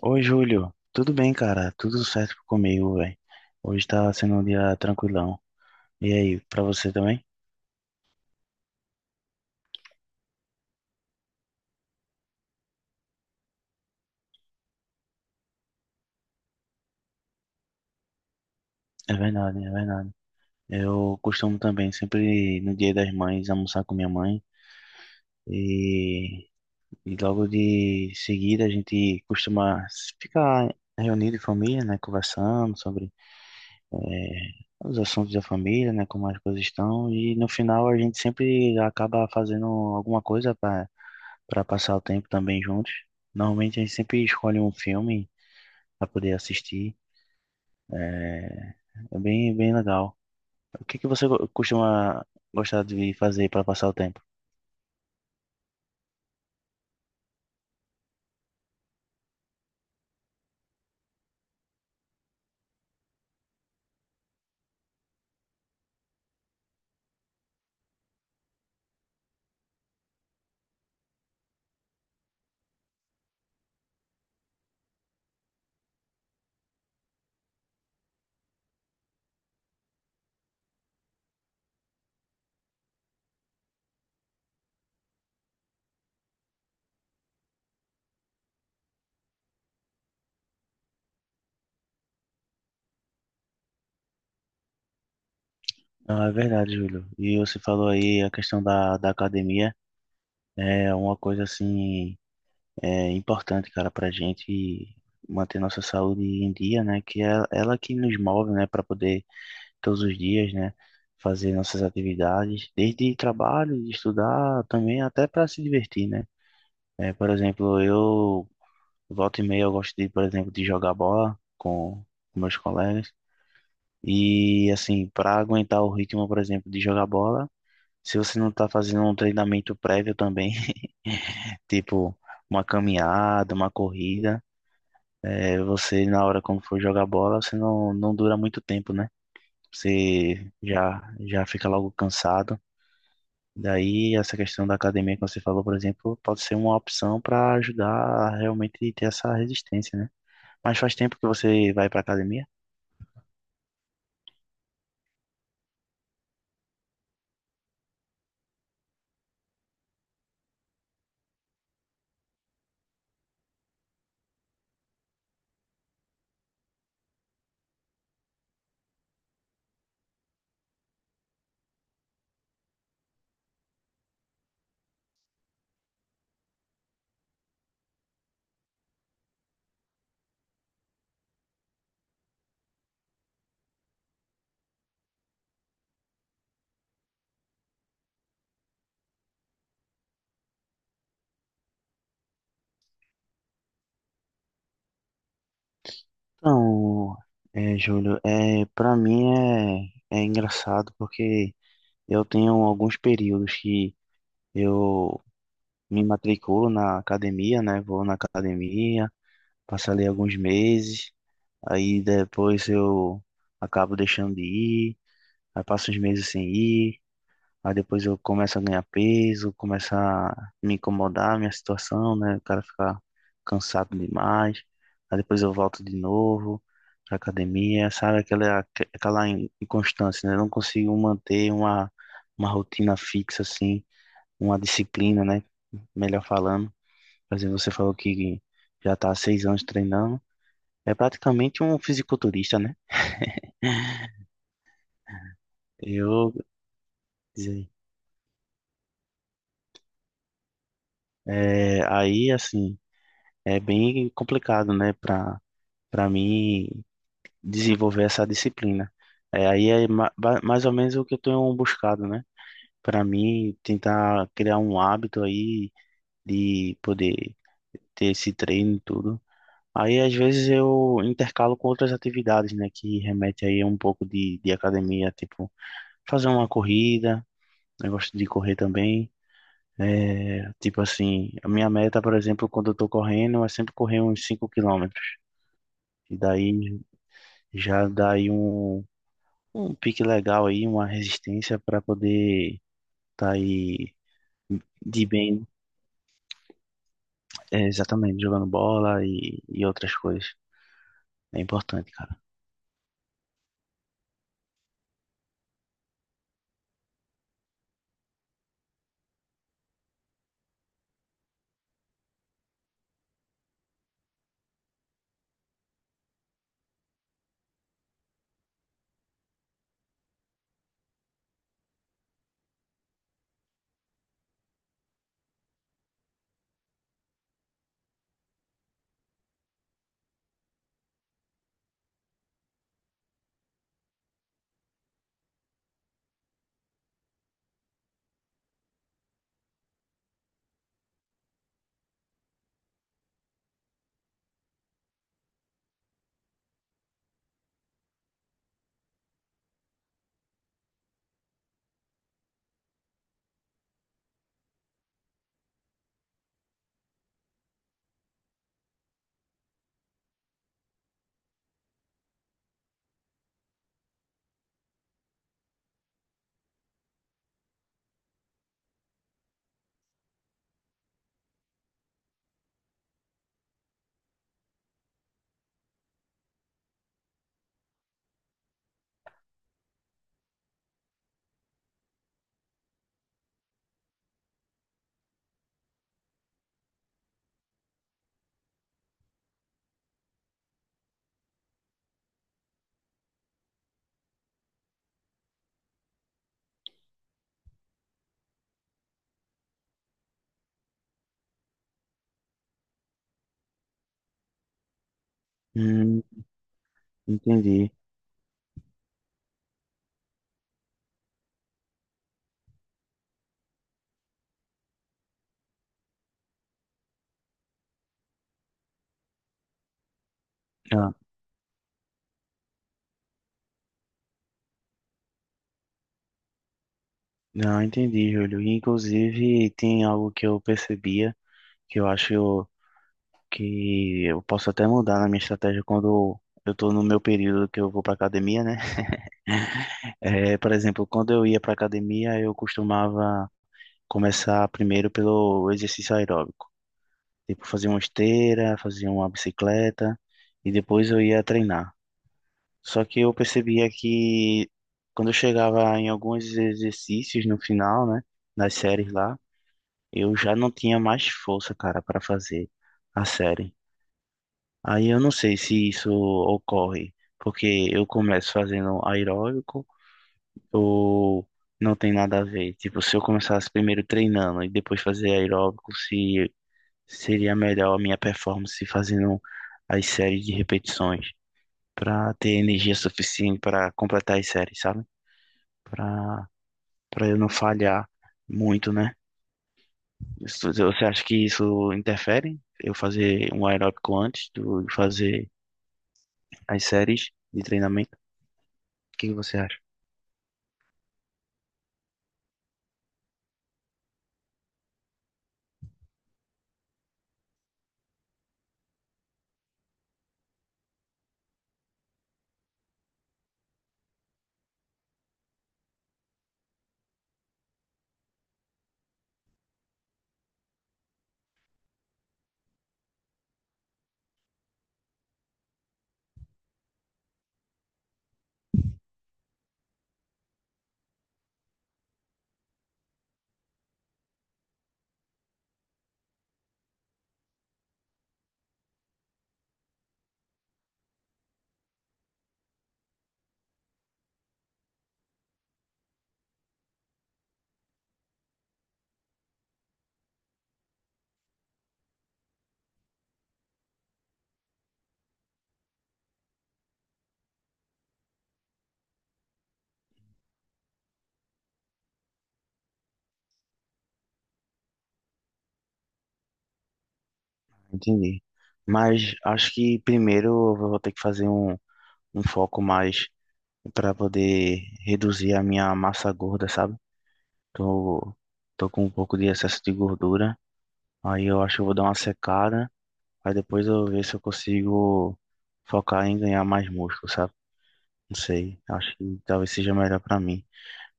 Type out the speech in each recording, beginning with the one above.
Oi, Júlio. Tudo bem, cara? Tudo certo comigo, velho. Hoje tá sendo um dia tranquilão. E aí, pra você também? É verdade, é verdade. Eu costumo também, sempre no Dia das Mães, almoçar com minha mãe. E, e logo de seguida a gente costuma ficar reunido em família, né? Conversando sobre eh, os assuntos da família, né? Como as coisas estão. E no final a gente sempre acaba fazendo alguma coisa, para passar o tempo também juntos. Normalmente a gente sempre escolhe um filme para poder assistir. É, é bem, bem legal. O que que você costuma gostar de fazer para passar o tempo? Ah, é verdade, Júlio. E você falou aí a questão da academia. É uma coisa assim é importante, cara, para gente manter nossa saúde em dia, né? Que é ela que nos move, né? Para poder todos os dias, né? Fazer nossas atividades, desde trabalho, de estudar, também até para se divertir, né? É, por exemplo, eu volta e meia eu gosto de, por exemplo, de jogar bola com meus colegas. E assim, para aguentar o ritmo, por exemplo, de jogar bola, se você não tá fazendo um treinamento prévio também, tipo uma caminhada, uma corrida, é, você na hora quando for jogar bola, você não dura muito tempo, né? Você já já fica logo cansado. Daí, essa questão da academia que você falou, por exemplo, pode ser uma opção para ajudar a realmente ter essa resistência, né? Mas faz tempo que você vai para academia? Então, é, Júlio, é, para mim é engraçado porque eu tenho alguns períodos que eu me matriculo na academia, né? Vou na academia, passo ali alguns meses, aí depois eu acabo deixando de ir, aí passo uns meses sem ir. Aí depois eu começo a ganhar peso, começa a me incomodar a minha situação, né? O cara fica cansado demais. Aí depois eu volto de novo pra academia, sabe? Aquela inconstância, né? Eu não consigo manter uma rotina fixa, assim, uma disciplina, né? Melhor falando. Por exemplo, você falou que já tá há 6 anos treinando. É praticamente um fisiculturista, né? Eu, dizer, é, aí, assim, é bem complicado, né? para mim desenvolver essa disciplina. É, aí é mais ou menos o que eu tenho buscado, né? Para mim tentar criar um hábito aí de poder ter esse treino e tudo. Aí às vezes eu intercalo com outras atividades, né? Que remete aí a um pouco de academia, tipo fazer uma corrida, eu gosto de correr também. É, tipo assim, a minha meta, por exemplo, quando eu tô correndo, é sempre correr uns 5 quilômetros. E daí já dá aí um pique legal aí, uma resistência para poder estar tá aí de bem, é, exatamente, jogando bola e outras coisas. É importante, cara. Hum, Entendi. Não, não, entendi, Júlio. E, inclusive, tem algo que eu percebia que eu acho que eu posso até mudar na minha estratégia quando eu tô no meu período que eu vou pra academia, né? É, por exemplo, quando eu ia pra academia, eu costumava começar primeiro pelo exercício aeróbico. Tipo, fazia uma esteira, fazia uma bicicleta e depois eu ia treinar. Só que eu percebia que quando eu chegava em alguns exercícios no final, né, das séries lá, eu já não tinha mais força, cara, para fazer a série. Aí eu não sei se isso ocorre, porque eu começo fazendo aeróbico ou não tem nada a ver. Tipo, se eu começasse primeiro treinando e depois fazer aeróbico, se seria melhor a minha performance fazendo as séries de repetições para ter energia suficiente para completar as séries, sabe? Para para eu não falhar muito, né? Você acha que isso interfere? Eu fazer um aeróbico antes do fazer as séries de treinamento? O que que você acha? Entendi. Mas acho que primeiro eu vou ter que fazer um foco mais para poder reduzir a minha massa gorda, sabe? Tô, tô com um pouco de excesso de gordura. Aí eu acho que eu vou dar uma secada. Aí depois eu ver se eu consigo focar em ganhar mais músculo, sabe? Não sei. Acho que talvez seja melhor pra mim.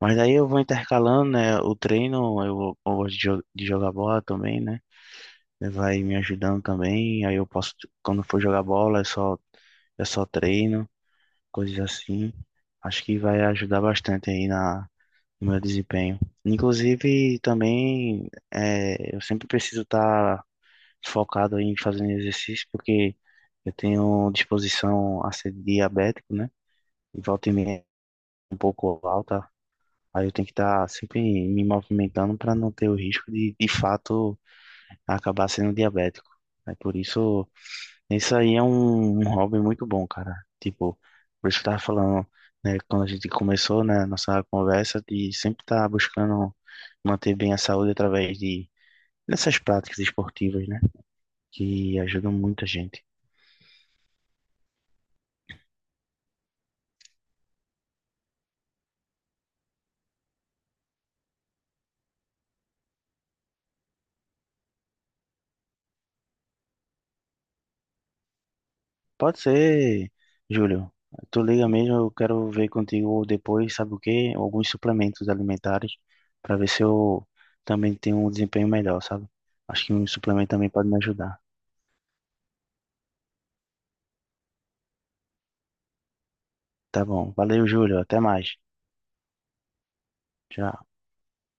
Mas daí eu vou intercalando, né? O treino, eu gosto de jogar bola também, né? Vai me ajudando também. Aí eu posso, quando for jogar bola, é só treino, coisas assim. Acho que vai ajudar bastante aí na no meu desempenho. Inclusive, também é, eu sempre preciso estar focado em fazer exercício, porque eu tenho disposição a ser diabético, né? E volta e meia é um pouco alta. Aí eu tenho que estar sempre me movimentando para não ter o risco de fato, acabar sendo diabético. É por isso aí é um hobby muito bom, cara. Tipo, por isso que eu tava falando, né, quando a gente começou, né, nossa conversa, de sempre estar buscando manter bem a saúde através de dessas práticas esportivas, né, que ajudam muita gente. Pode ser, Júlio, tu liga mesmo, eu quero ver contigo depois, sabe o quê? Alguns suplementos alimentares, para ver se eu também tenho um desempenho melhor, sabe? Acho que um suplemento também pode me ajudar. Tá bom. Valeu, Júlio. Até mais. Tchau.